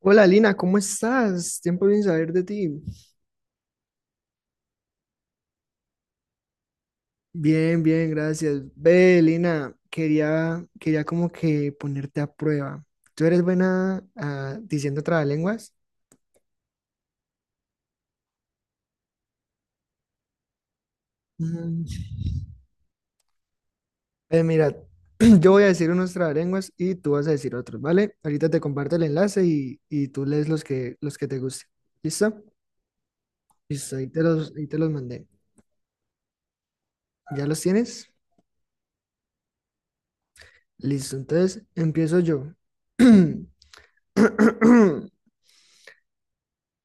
Hola Lina, ¿cómo estás? Tiempo sin saber de ti. Bien, bien, gracias. Ve, Lina, quería como que ponerte a prueba. ¿Tú eres buena diciendo trabalenguas? Mm. Mira, yo voy a decir unos trabalenguas y tú vas a decir otros, ¿vale? Ahorita te comparto el enlace y tú lees los que te gusten. ¿Listo? Listo, ahí te los mandé. ¿Ya los tienes? Listo, entonces empiezo yo.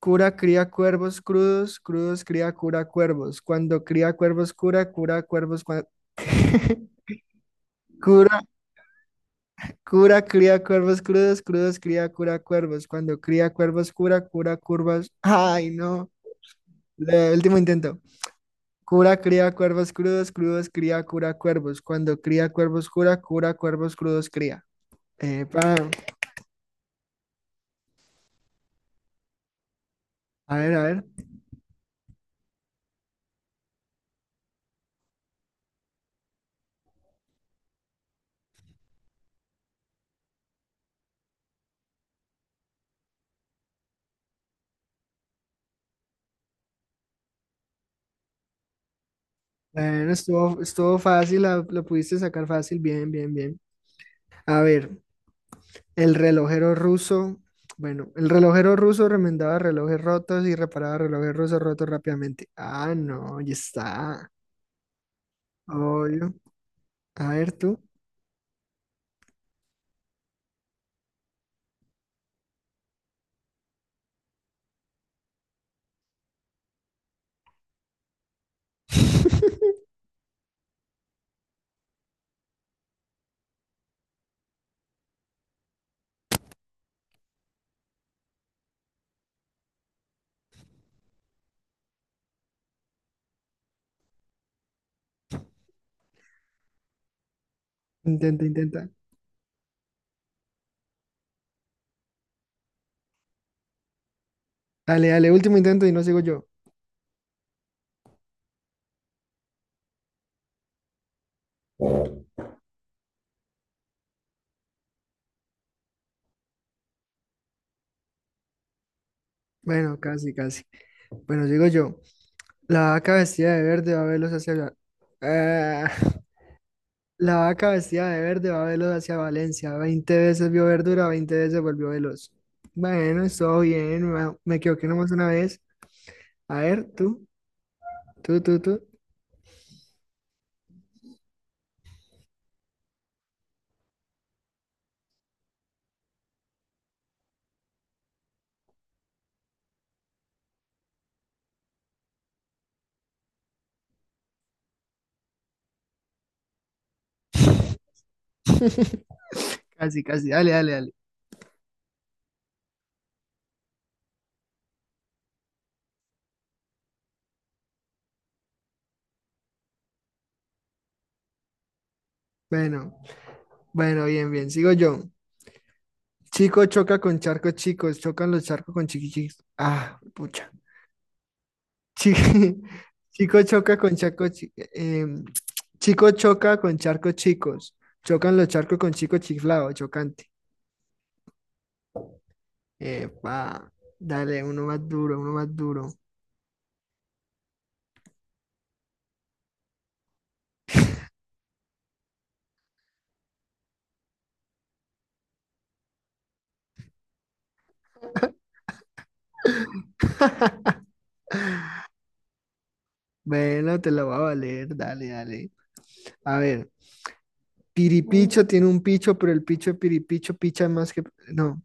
Cura cría cuervos crudos, crudos cría cura cuervos. Cuando cría cuervos cura, cura cuervos. Cura, Cura cría cuervos crudos, crudos cría cura cuervos. Cuando cría cuervos cura, cura curvas. Ay, no. Último intento. Cura cría cuervos crudos, crudos cría cura cuervos. Cuando cría cuervos cura, cura cuervos crudos cría. Epa. A ver, a ver. Bueno, estuvo fácil, lo pudiste sacar fácil. Bien, bien, bien. A ver. El relojero ruso, bueno, el relojero ruso remendaba relojes rotos y reparaba relojes rusos rotos rápidamente. Ah, no, ya está. Obvio. A ver tú. Intenta, intenta. Dale, dale, último intento y no sigo yo. Bueno, casi, casi. Bueno, sigo yo. La vaca vestida de verde va a verlos hacia... Ah, la vaca vestida de verde va a verlos hacia Valencia. 20 veces vio verdura, 20 veces volvió veloz. Bueno, estuvo bien. Me equivoqué nomás una vez. A ver, tú, tú, tú, tú. Casi, casi. Dale, dale, dale. Bueno, bueno, bien, bien. Sigo yo. Chico choca con charcos chicos, chocan los charcos con chiquichis. Ah, pucha. Chi- Chico, choca con charcos chi- em, chico choca con charcos chicos, chocan los charcos con chicos chiflados, chocante. Epa, dale, uno más duro, uno más duro. Bueno, te lo voy a valer, dale, dale. A ver. Piripicho tiene un picho, pero el picho de Piripicho picha más que... No,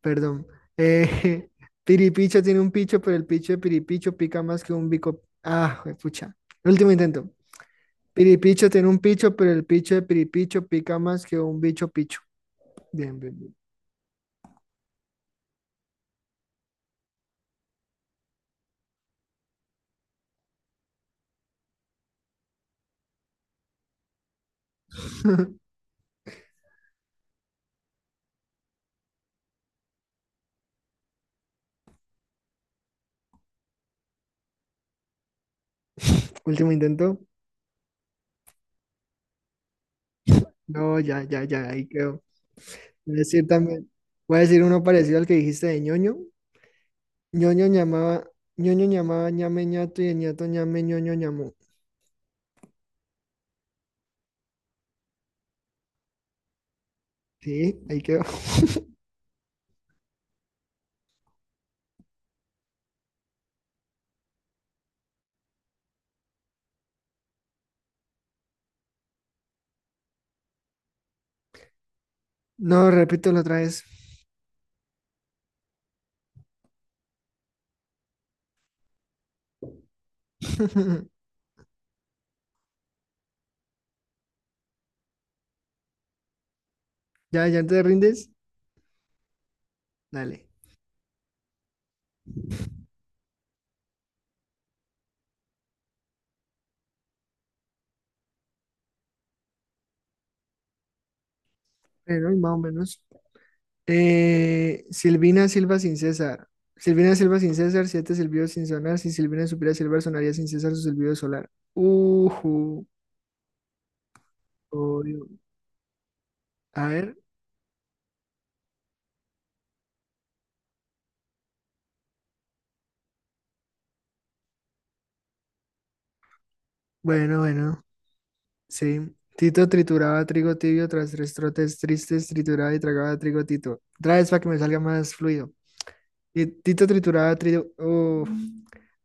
perdón. Eh, Piripicho tiene un picho, pero el picho de Piripicho pica más que un bico... Ah, pucha. Último intento. Piripicho tiene un picho, pero el picho de Piripicho pica más que un bicho picho. Bien, bien, bien. Último intento. No, ya, ya, ya, ahí quedó. Voy a decir también, voy a decir uno parecido al que dijiste de ñoño. ñoño llamaba, ñoño llamaba ñame ñato y el ñato ñame ñoño ñamó. Sí, ahí quedó. No, repítelo otra vez. Ya, ya te rindes. Dale. Bueno, y más o menos. Silvina Silva sin César. Silvina Silva sin César, siete silbidos sin sonar. Si Silvina supiera silbar, sonaría sin César su silbido solar. Ujú. Obvio. A ver. Bueno, bueno. Sí. Tito trituraba trigo tibio tras tres trotes tristes, trituraba y tragaba trigo Tito. Otra vez para que me salga más fluido. Tito trituraba trigo, uf.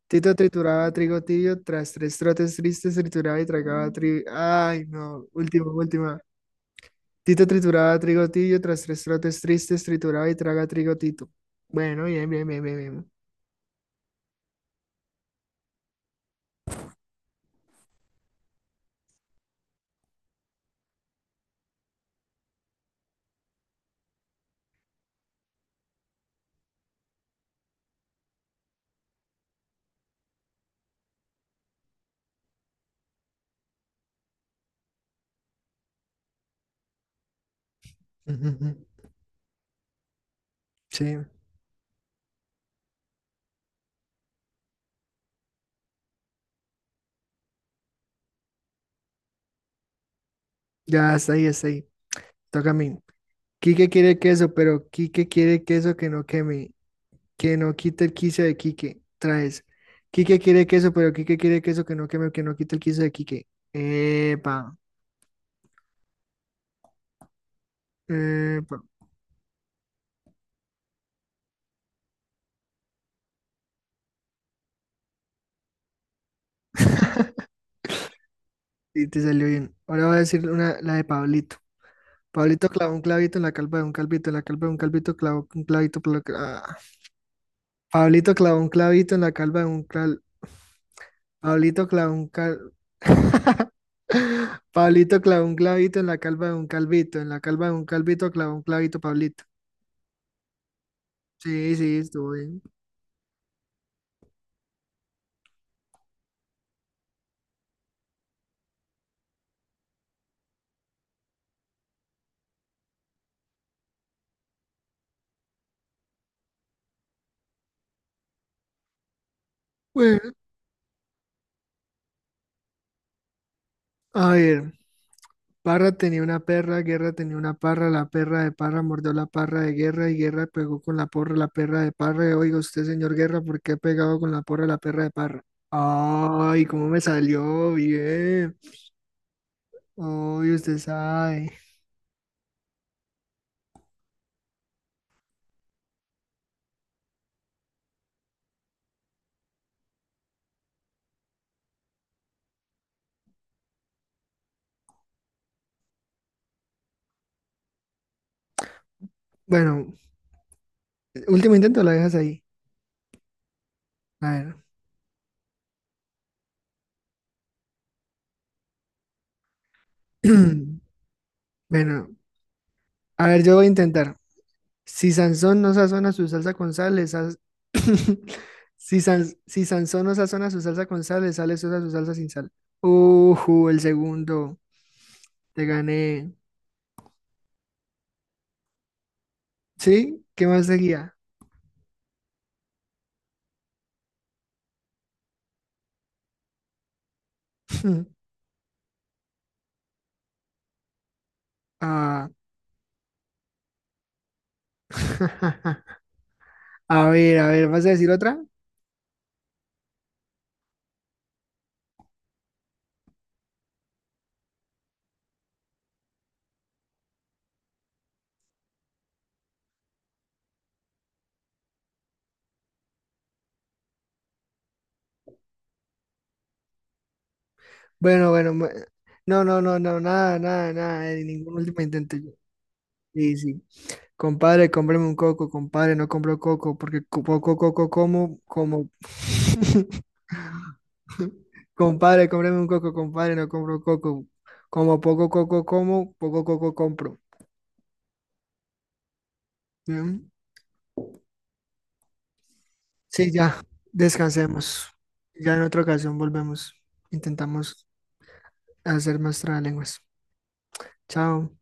Tito trituraba trigo tibio, tras tres trotes tristes trituraba y tragaba trigo. Ay, no, última, última. Tito trituraba trigo tibio, tras tres trotes tristes trituraba y traga trigo Tito. Bueno, bien, bien, bien, bien, bien. Ujú, ujú. Sí, ya está ahí, está ahí. Toca a mí. Quique quiere queso, pero Quique quiere queso que no queme, que no quite el quicio de Quique. Traes. Quique quiere queso, pero Quique quiere queso que no queme, que no quite el quicio de Quique. Epa. Eh, pa- sí, te salió bien. Ahora voy a decir una, la de Pablito. Pablito clavó un clavito en la calva de un calvito, en la calva de un calvito clavó un clavito. Pablito clavó un clavito en la calva de un cal... Pablito clavó un cal... Pablito clavó un clavito en la calva de un calvito, en la calva de un calvito clavó un clavito, Pablito. Sí, sí, estuvo bien. Bueno, a ver. Parra tenía una perra, Guerra tenía una parra, la perra de Parra mordió la parra de Guerra y Guerra pegó con la porra la perra de Parra. Y, Oiga usted, señor Guerra, ¿por qué ha pegado con la porra la perra de Parra? Ay, cómo me salió bien. Ay, usted sabe. Bueno, último intento, la dejas ahí. A ver. Bueno, a ver, yo voy a intentar. Si Sansón no sazona su salsa con sal, si Sansón no sazona su salsa con sal, le sale sosa su salsa sin sal. Ujú, el segundo. Te gané. ¿Sí? ¿Qué más seguía? Ah, a ver, ¿vas a decir otra? Bueno, bueno. No, no, no, no, nada, nada, nada. Ningún último intento. Sí, sí. Compadre, cómprame un coco, compadre, no compro coco, porque poco coco como. Compadre, cómprame un coco, compadre, no compro coco. Como poco coco como, poco coco compro. Bien. Sí, ya, descansemos. Ya en otra ocasión volvemos. Intentamos hacer más trabalenguas. Chao.